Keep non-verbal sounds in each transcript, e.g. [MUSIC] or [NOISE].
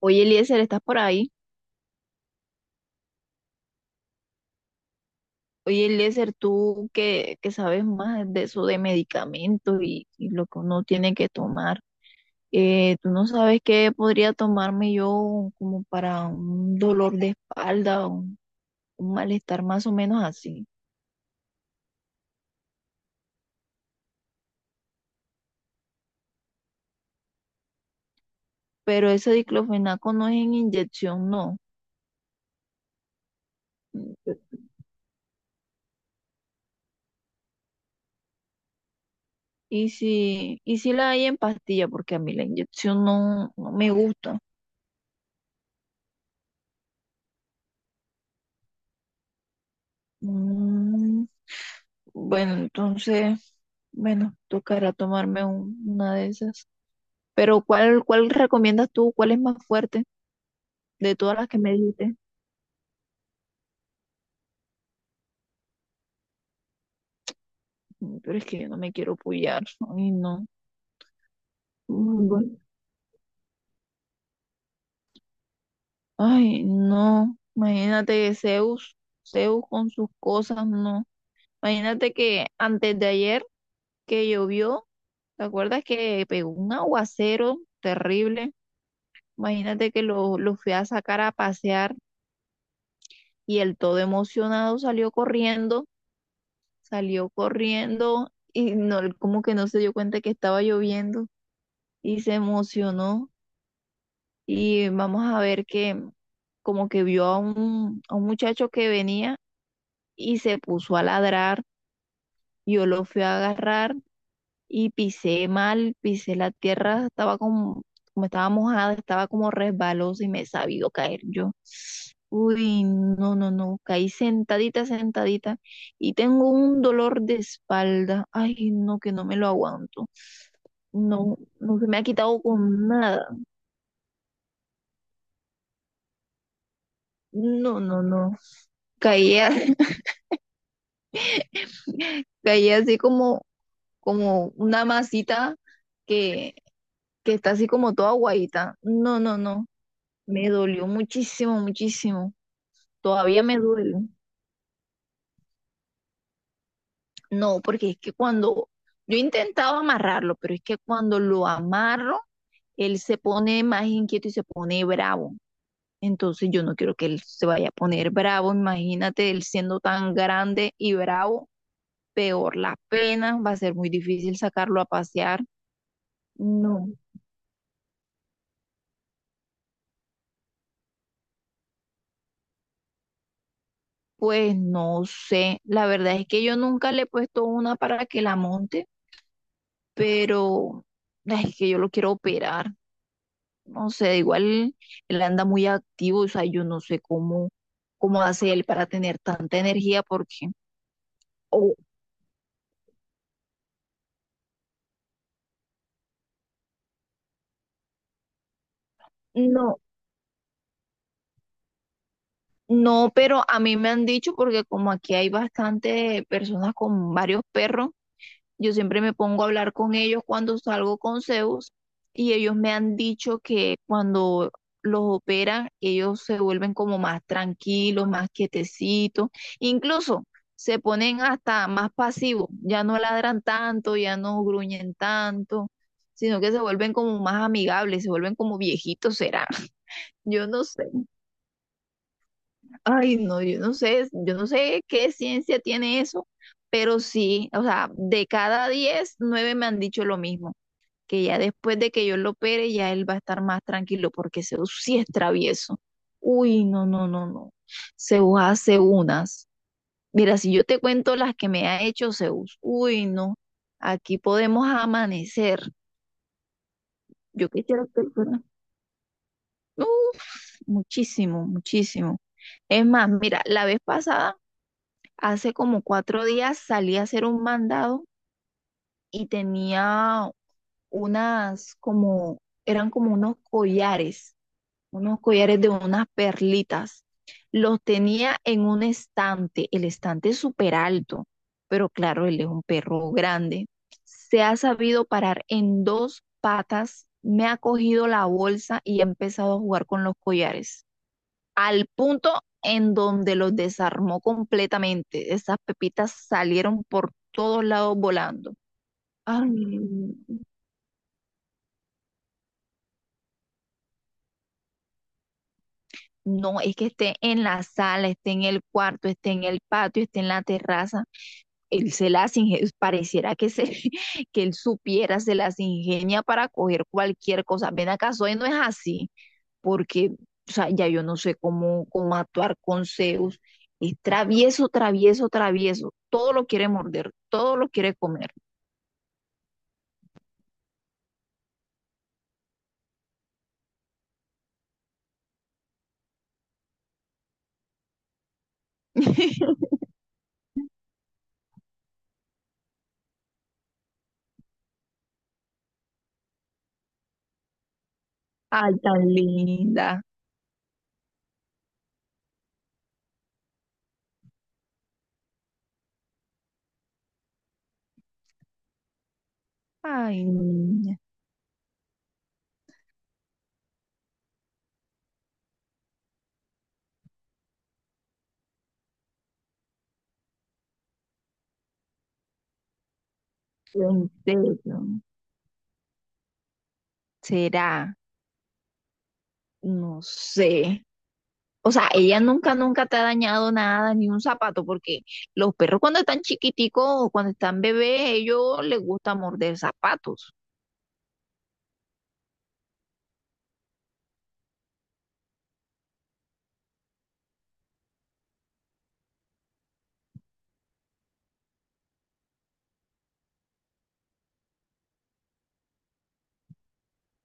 Oye, Eliezer, ¿estás por ahí? Oye, Eliezer, tú que sabes más de eso de medicamentos y lo que uno tiene que tomar, ¿tú no sabes qué podría tomarme yo como para un dolor de espalda, un malestar más o menos así? Pero ese diclofenaco no es en inyección, no. Y si la hay en pastilla, porque a mí la inyección no, no me gusta. Mm, bueno, entonces. Bueno, tocará tomarme una de esas. Pero ¿cuál recomiendas tú? ¿Cuál es más fuerte de todas las que me dijiste? Mm. Pero es que yo no me quiero pullar. Ay, no. Mm, bueno. Ay, no. Imagínate Zeus, Zeus con sus cosas, no. Imagínate que antes de ayer que llovió, ¿te acuerdas que pegó un aguacero terrible? Imagínate que lo fui a sacar a pasear y él todo emocionado salió corriendo y no, él como que no se dio cuenta que estaba lloviendo y se emocionó y vamos a ver que como que vio a a un muchacho que venía y se puso a ladrar, yo lo fui a agarrar y pisé mal, pisé la tierra, estaba como estaba mojada, estaba como resbalosa y me he sabido caer yo. Uy, no, no, no, caí sentadita, sentadita y tengo un dolor de espalda. Ay, no, que no me lo aguanto. No, no se me ha quitado con nada. No, no, no. Caí, [LAUGHS] caí así como una masita que, que está así como toda guayita. No, no, no. Me dolió muchísimo, muchísimo. Todavía me duele. No, porque es que cuando yo he intentado amarrarlo, pero es que cuando lo amarro, él se pone más inquieto y se pone bravo. Entonces yo no quiero que él se vaya a poner bravo. Imagínate él siendo tan grande y bravo, peor la pena, va a ser muy difícil sacarlo a pasear. No. Pues no sé, la verdad es que yo nunca le he puesto una para que la monte, pero ay, es que yo lo quiero operar. No sé, igual él anda muy activo, o sea, yo no sé cómo hace él para tener tanta energía, porque, o no, no, pero a mí me han dicho, porque como aquí hay bastante personas con varios perros, yo siempre me pongo a hablar con ellos cuando salgo con Zeus y ellos me han dicho que cuando los operan, ellos se vuelven como más tranquilos, más quietecitos, incluso se ponen hasta más pasivos, ya no ladran tanto, ya no gruñen tanto, sino que se vuelven como más amigables, se vuelven como viejitos, será. [LAUGHS] Yo no sé, ay no, yo no sé qué ciencia tiene eso, pero sí, o sea, de cada 10 9 me han dicho lo mismo que ya después de que yo lo opere, ya él va a estar más tranquilo, porque Zeus sí es travieso. Uy, no, no, no, no. Zeus hace unas. Mira, si yo te cuento las que me ha hecho Zeus, uy, no, aquí podemos amanecer. Yo quisiera que fuera- Uf, muchísimo, muchísimo. Es más, mira, la vez pasada, hace como 4 días, salí a hacer un mandado y tenía unas como, eran como unos collares de unas perlitas. Los tenía en un estante, el estante es súper alto, pero claro, él es un perro grande. Se ha sabido parar en dos patas, me ha cogido la bolsa y ha empezado a jugar con los collares, al punto en donde los desarmó completamente. Esas pepitas salieron por todos lados volando. Ay, no, es que esté en la sala, esté en el cuarto, esté en el patio, esté en la terraza. Él se las ingenia, pareciera que, se, [LAUGHS] que él supiera, se las ingenia para coger cualquier cosa. Ven acá, soy no es así, porque o sea, ya yo no sé cómo actuar con Zeus. Es travieso, travieso, travieso. Todo lo quiere morder, todo lo quiere comer. [LAUGHS] Ay, tan linda. Ay, niña. En serio. Será, no sé. O sea, ella nunca, nunca te ha dañado nada, ni un zapato, porque los perros cuando están chiquiticos o cuando están bebés, ellos les gusta morder zapatos.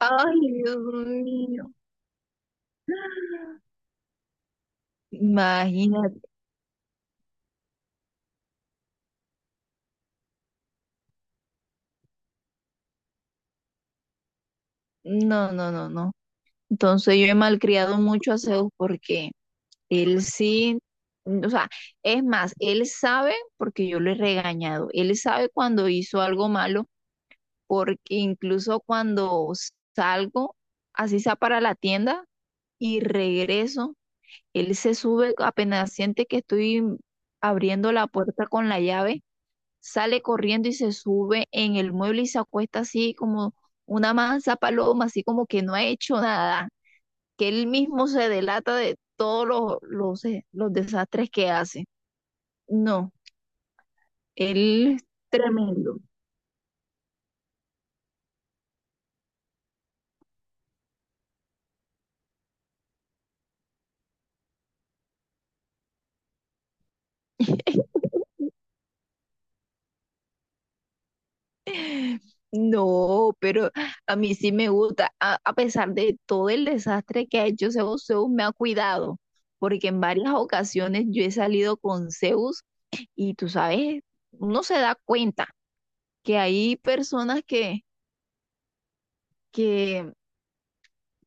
Ay, Dios mío. Imagínate. No, no, no, no. Entonces yo he malcriado mucho a Zeus porque él sí, o sea, es más, él sabe porque yo lo he regañado. Él sabe cuando hizo algo malo, porque incluso cuando salgo, así sea para la tienda, y regreso. Él se sube, apenas siente que estoy abriendo la puerta con la llave, sale corriendo y se sube en el mueble y se acuesta así como una mansa paloma, así como que no ha hecho nada, que él mismo se delata de todos los desastres que hace. No, él es tremendo. No, pero a mí sí me gusta. A pesar de todo el desastre que ha hecho Zeus, Zeus me ha cuidado, porque en varias ocasiones yo he salido con Zeus y tú sabes, uno se da cuenta que hay personas que,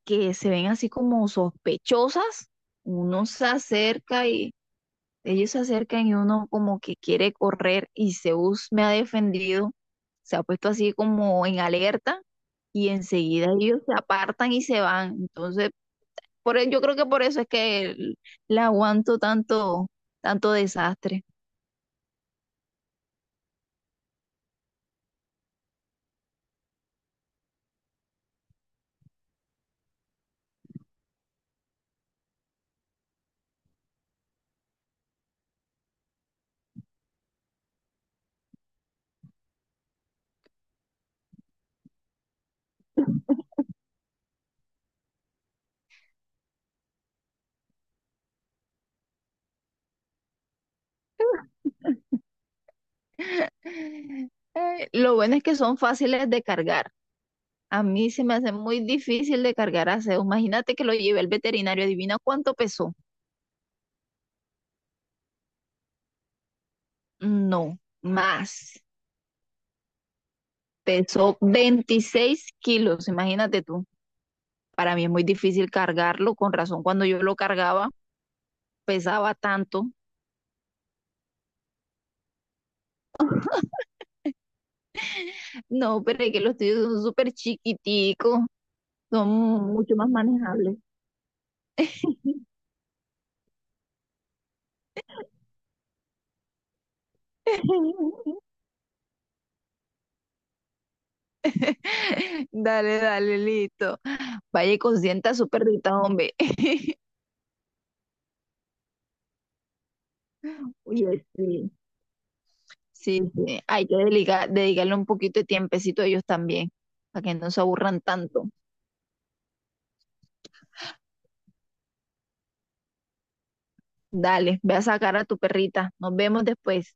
que se ven así como sospechosas, uno se acerca y, ellos se acercan y uno como que quiere correr y Zeus me ha defendido, se ha puesto así como en alerta y enseguida ellos se apartan y se van. Entonces, yo creo que por eso es que le aguanto tanto, tanto desastre. Lo bueno es que son fáciles de cargar. A mí se me hace muy difícil de cargar a Zeus. Imagínate que lo llevé al veterinario. Adivina cuánto pesó. No, más. Pesó 26 kilos, imagínate tú. Para mí es muy difícil cargarlo, con razón cuando yo lo cargaba pesaba tanto. No, pero es que los tuyos son súper chiquiticos, son mucho más manejables. [LAUGHS] Dale, dale, listo. Vaya y consienta a su perrita, hombre. [LAUGHS] Oye, sí. Sí, sí. Hay que dedicarle un poquito de tiempecito a ellos también, para que no se aburran tanto. Dale, ve a sacar a tu perrita. Nos vemos después.